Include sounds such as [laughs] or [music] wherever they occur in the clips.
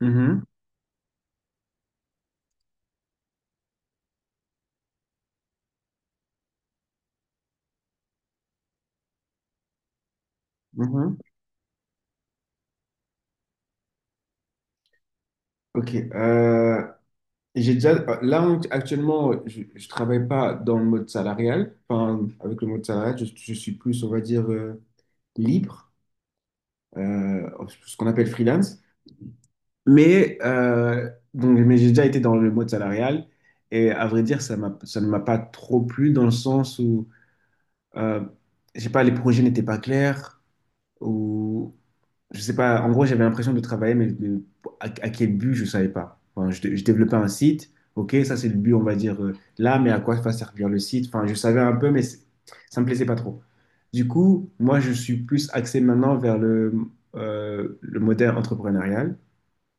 Mhm, mhm. Ok. J'ai déjà, là, actuellement, je ne travaille pas dans le mode salarial. Enfin, avec le mode salarial, je suis plus, on va dire, libre, euh, ce qu'on appelle freelance. Mais, donc, mais j'ai déjà été dans le mode salarial. Et à vrai dire, ça ne m'a pas trop plu dans le sens où, euh, je sais pas, les projets n'étaient pas clairs. Ou je sais pas, en gros, j'avais l'impression de travailler, mais à quel but, je savais pas. Enfin, je développais un site, ok, ça c'est le but, on va dire, là, mais à quoi va servir le site? Enfin, je savais un peu, mais ça me plaisait pas trop. Du coup, moi, je suis plus axé maintenant vers le modèle entrepreneurial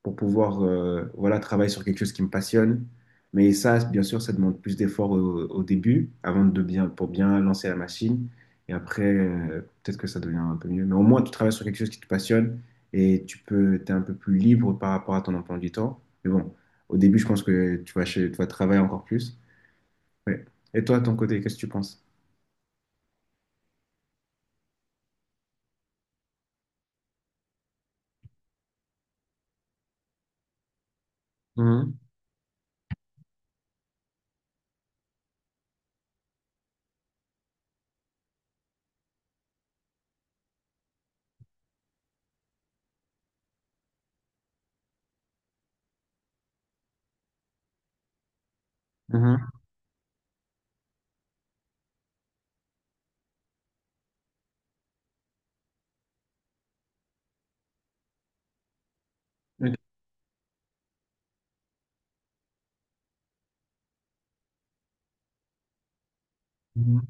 pour pouvoir voilà, travailler sur quelque chose qui me passionne. Mais ça, bien sûr, ça demande plus d'efforts au début, avant de bien, pour bien lancer la machine. Et après, peut-être que ça devient un peu mieux. Mais au moins, tu travailles sur quelque chose qui te passionne et tu peux, t'es un peu plus libre par rapport à ton emploi du temps. Mais bon, au début, je pense que tu vas, tu vas travailler encore plus. Ouais. Et toi, de ton côté, qu'est-ce que tu penses? Mhm, mhm. Ok. Mhm.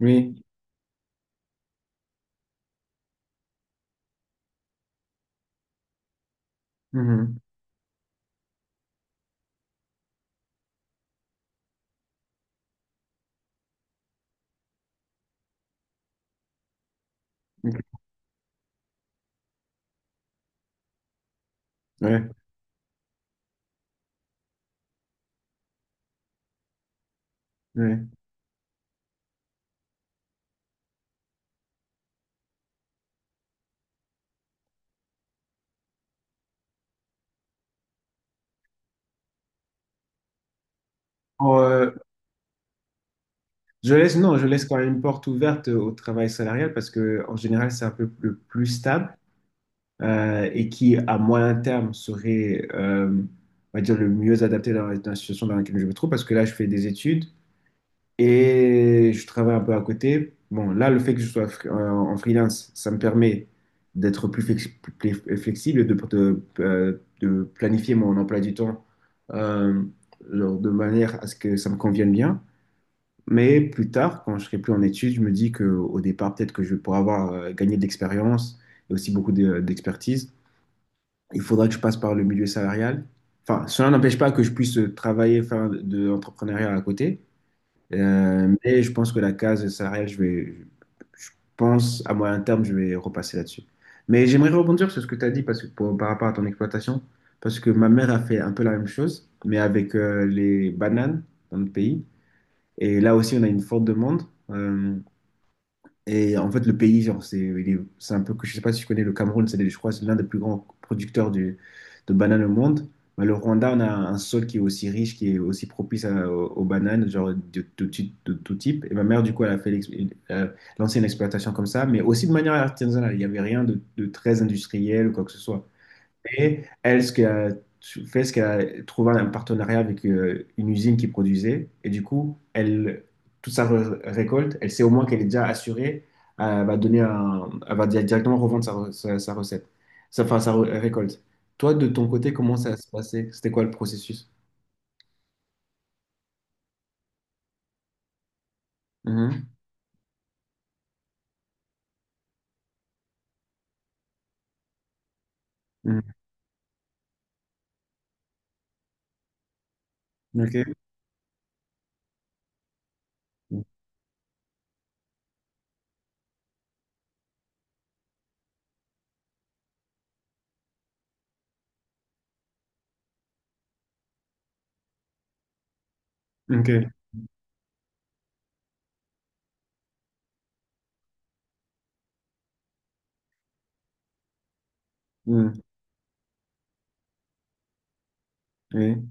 Oui. Mhm. Ok. Ouais. Ouais. Pour, euh, Je laisse, non, je laisse quand même une porte ouverte au travail salarial parce que en général, c'est un peu le plus stable et qui, à moyen terme, serait, on va dire, le mieux adapté dans la situation dans laquelle je me trouve parce que là, je fais des études et je travaille un peu à côté. Bon, là, le fait que je sois en freelance, ça me permet d'être plus, plus flexible, et de planifier mon emploi du temps euh, genre de manière à ce que ça me convienne bien. Mais plus tard, quand je serai plus en études, je me dis qu'au départ, peut-être que je pourrais avoir gagné de l'expérience et aussi beaucoup d'expertise. Il faudra que je passe par le milieu salarial. Enfin, cela n'empêche pas que je puisse travailler, faire de l'entrepreneuriat à côté. Mais je pense que la case salariale, je vais, je pense à moyen terme, je vais repasser là-dessus. Mais j'aimerais rebondir sur ce que tu as dit parce que par rapport à ton exploitation, parce que ma mère a fait un peu la même chose, mais avec les bananes dans le pays. Et là aussi, on a une forte demande. Euh, et en fait, le pays, genre, c'est un peu que je sais pas si tu connais le Cameroun, c'est, je crois, c'est l'un des plus grands producteurs de bananes au monde. Mais le Rwanda, on a un sol qui est aussi riche, qui est aussi propice aux bananes, genre de tout type, de tout type. Et ma mère, du coup, elle a fait euh, lancé une exploitation comme ça, mais aussi de manière artisanale. Il n'y avait rien de, de très industriel ou quoi que ce soit. Et elle, ce qu'elle a fait, c'est qu'elle a trouvé un partenariat avec une usine qui produisait. Et du coup, elle, toute sa récolte, elle sait au moins qu'elle est déjà assurée. Elle va donner un, elle va directement revendre sa recette, enfin, sa récolte. Toi, de ton côté, comment ça se passait? C'était quoi le processus? Mhm. Mhm. Ok. Ok. Mhm. Oui.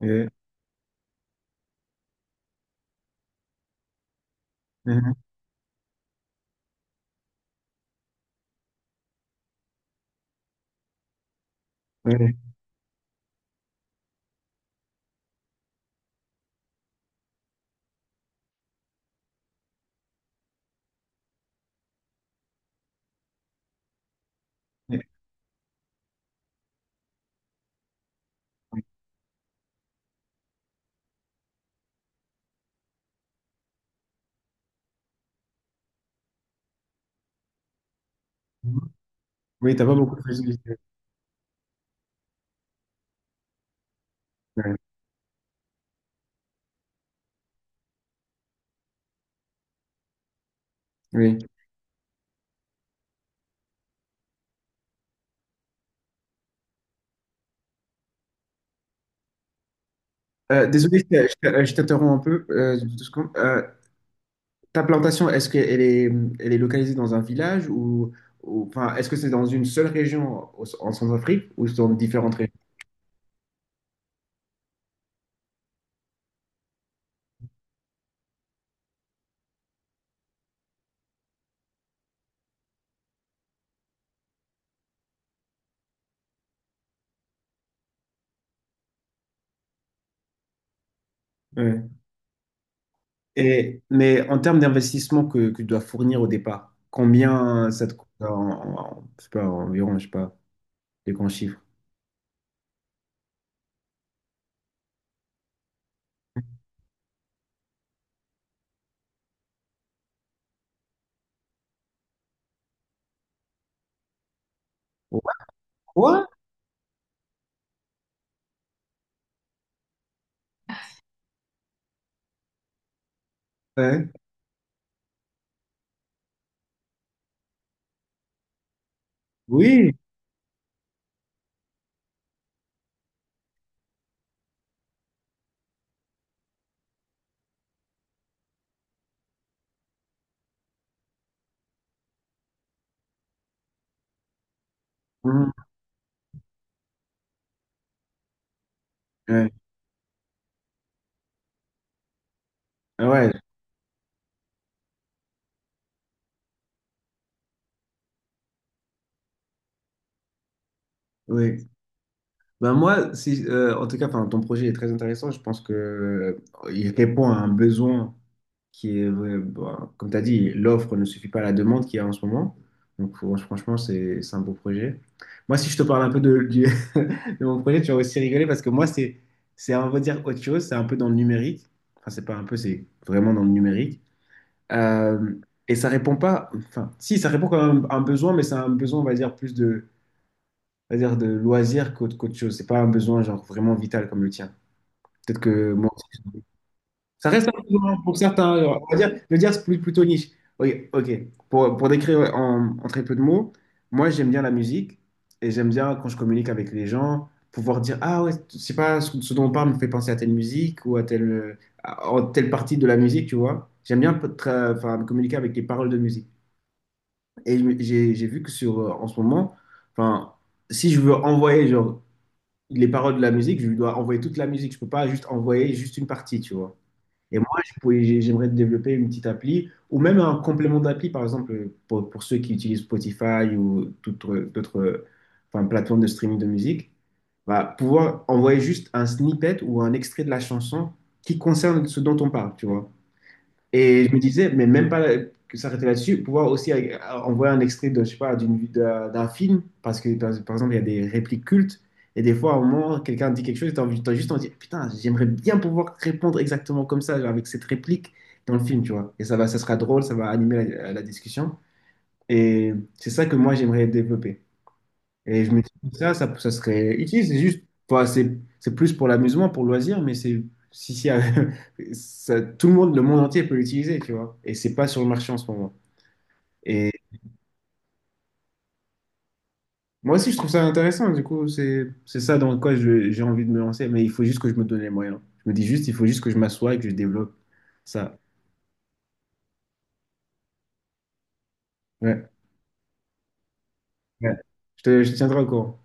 Oui. Mhm. Oui. Oui. Oui, t'as pas beaucoup de facilité. Ouais. Oui. Désolé, je t'interromps un peu. 2 secondes. Ta plantation, est-ce qu'elle est, elle est localisée dans un village ou, enfin, est-ce que c'est dans une seule région en Centrafrique ou dans différentes régions? Ouais. Et, mais en termes d'investissement que tu dois fournir au départ, combien ça te coûte en, je sais pas, environ, je sais pas, les grands chiffres? Ouais. Quoi? Ouais. Oui. Mhm. Ouais. Ah ouais. Oui. Ben moi, si, en tout cas, enfin, ton projet est très intéressant. Je pense que il répond à un besoin qui est, bon, comme tu as dit, l'offre ne suffit pas à la demande qu'il y a en ce moment. Donc, franchement, c'est un beau projet. Moi, si je te parle un peu [laughs] de mon projet, tu vas aussi rigoler parce que moi, c'est, on va dire autre chose. C'est un peu dans le numérique. Enfin, c'est pas un peu, c'est vraiment dans le numérique. Euh, et ça répond pas, enfin, si, ça répond quand même à un besoin, mais c'est un besoin, on va dire, plus c'est-à-dire de loisir qu'autre chose. C'est pas un besoin genre vraiment vital comme le tien. Peut-être que moi, ça reste un besoin pour certains. Genre, on va dire, le dire c'est plutôt niche. Ok, ok. Pour décrire en, très peu de mots, moi j'aime bien la musique et j'aime bien quand je communique avec les gens pouvoir dire ah ouais, je sais pas ce dont on parle me fait penser à telle musique ou à telle partie de la musique, tu vois. J'aime bien enfin, communiquer avec les paroles de musique. Et j'ai vu que sur en ce moment, enfin si je veux envoyer genre les paroles de la musique, je lui dois envoyer toute la musique. Je peux pas juste envoyer juste une partie, tu vois. Et moi, j'aimerais développer une petite appli ou même un complément d'appli, par exemple, pour ceux qui utilisent Spotify ou d'autres enfin, plateformes de streaming de musique, bah, pouvoir envoyer juste un snippet ou un extrait de la chanson qui concerne ce dont on parle, tu vois. Et je me disais, mais même pas que s'arrêter là-dessus, pouvoir aussi envoyer un extrait de, je sais pas, d'une, d'un film, parce que par exemple, il y a des répliques cultes, et des fois, au moment, quelqu'un dit quelque chose, t'as envie, t'as juste envie de dire, putain, j'aimerais bien pouvoir répondre exactement comme ça, genre, avec cette réplique dans le film, tu vois. Et ça va, ça sera drôle, ça va animer la discussion. Et c'est ça que moi, j'aimerais développer. Et je me dis que ça serait utile. C'est juste, enfin, c'est plus pour l'amusement, pour le loisir, mais c'est si, si, [laughs] tout le monde entier peut l'utiliser, tu vois. Et c'est pas sur le marché en ce moment. Et moi aussi, je trouve ça intéressant. Du coup, c'est ça dans quoi j'ai envie de me lancer. Mais il faut juste que je me donne les moyens. Je me dis juste, il faut juste que je m'assoie et que je développe ça. Ouais. Ouais. Je te tiendrai au courant.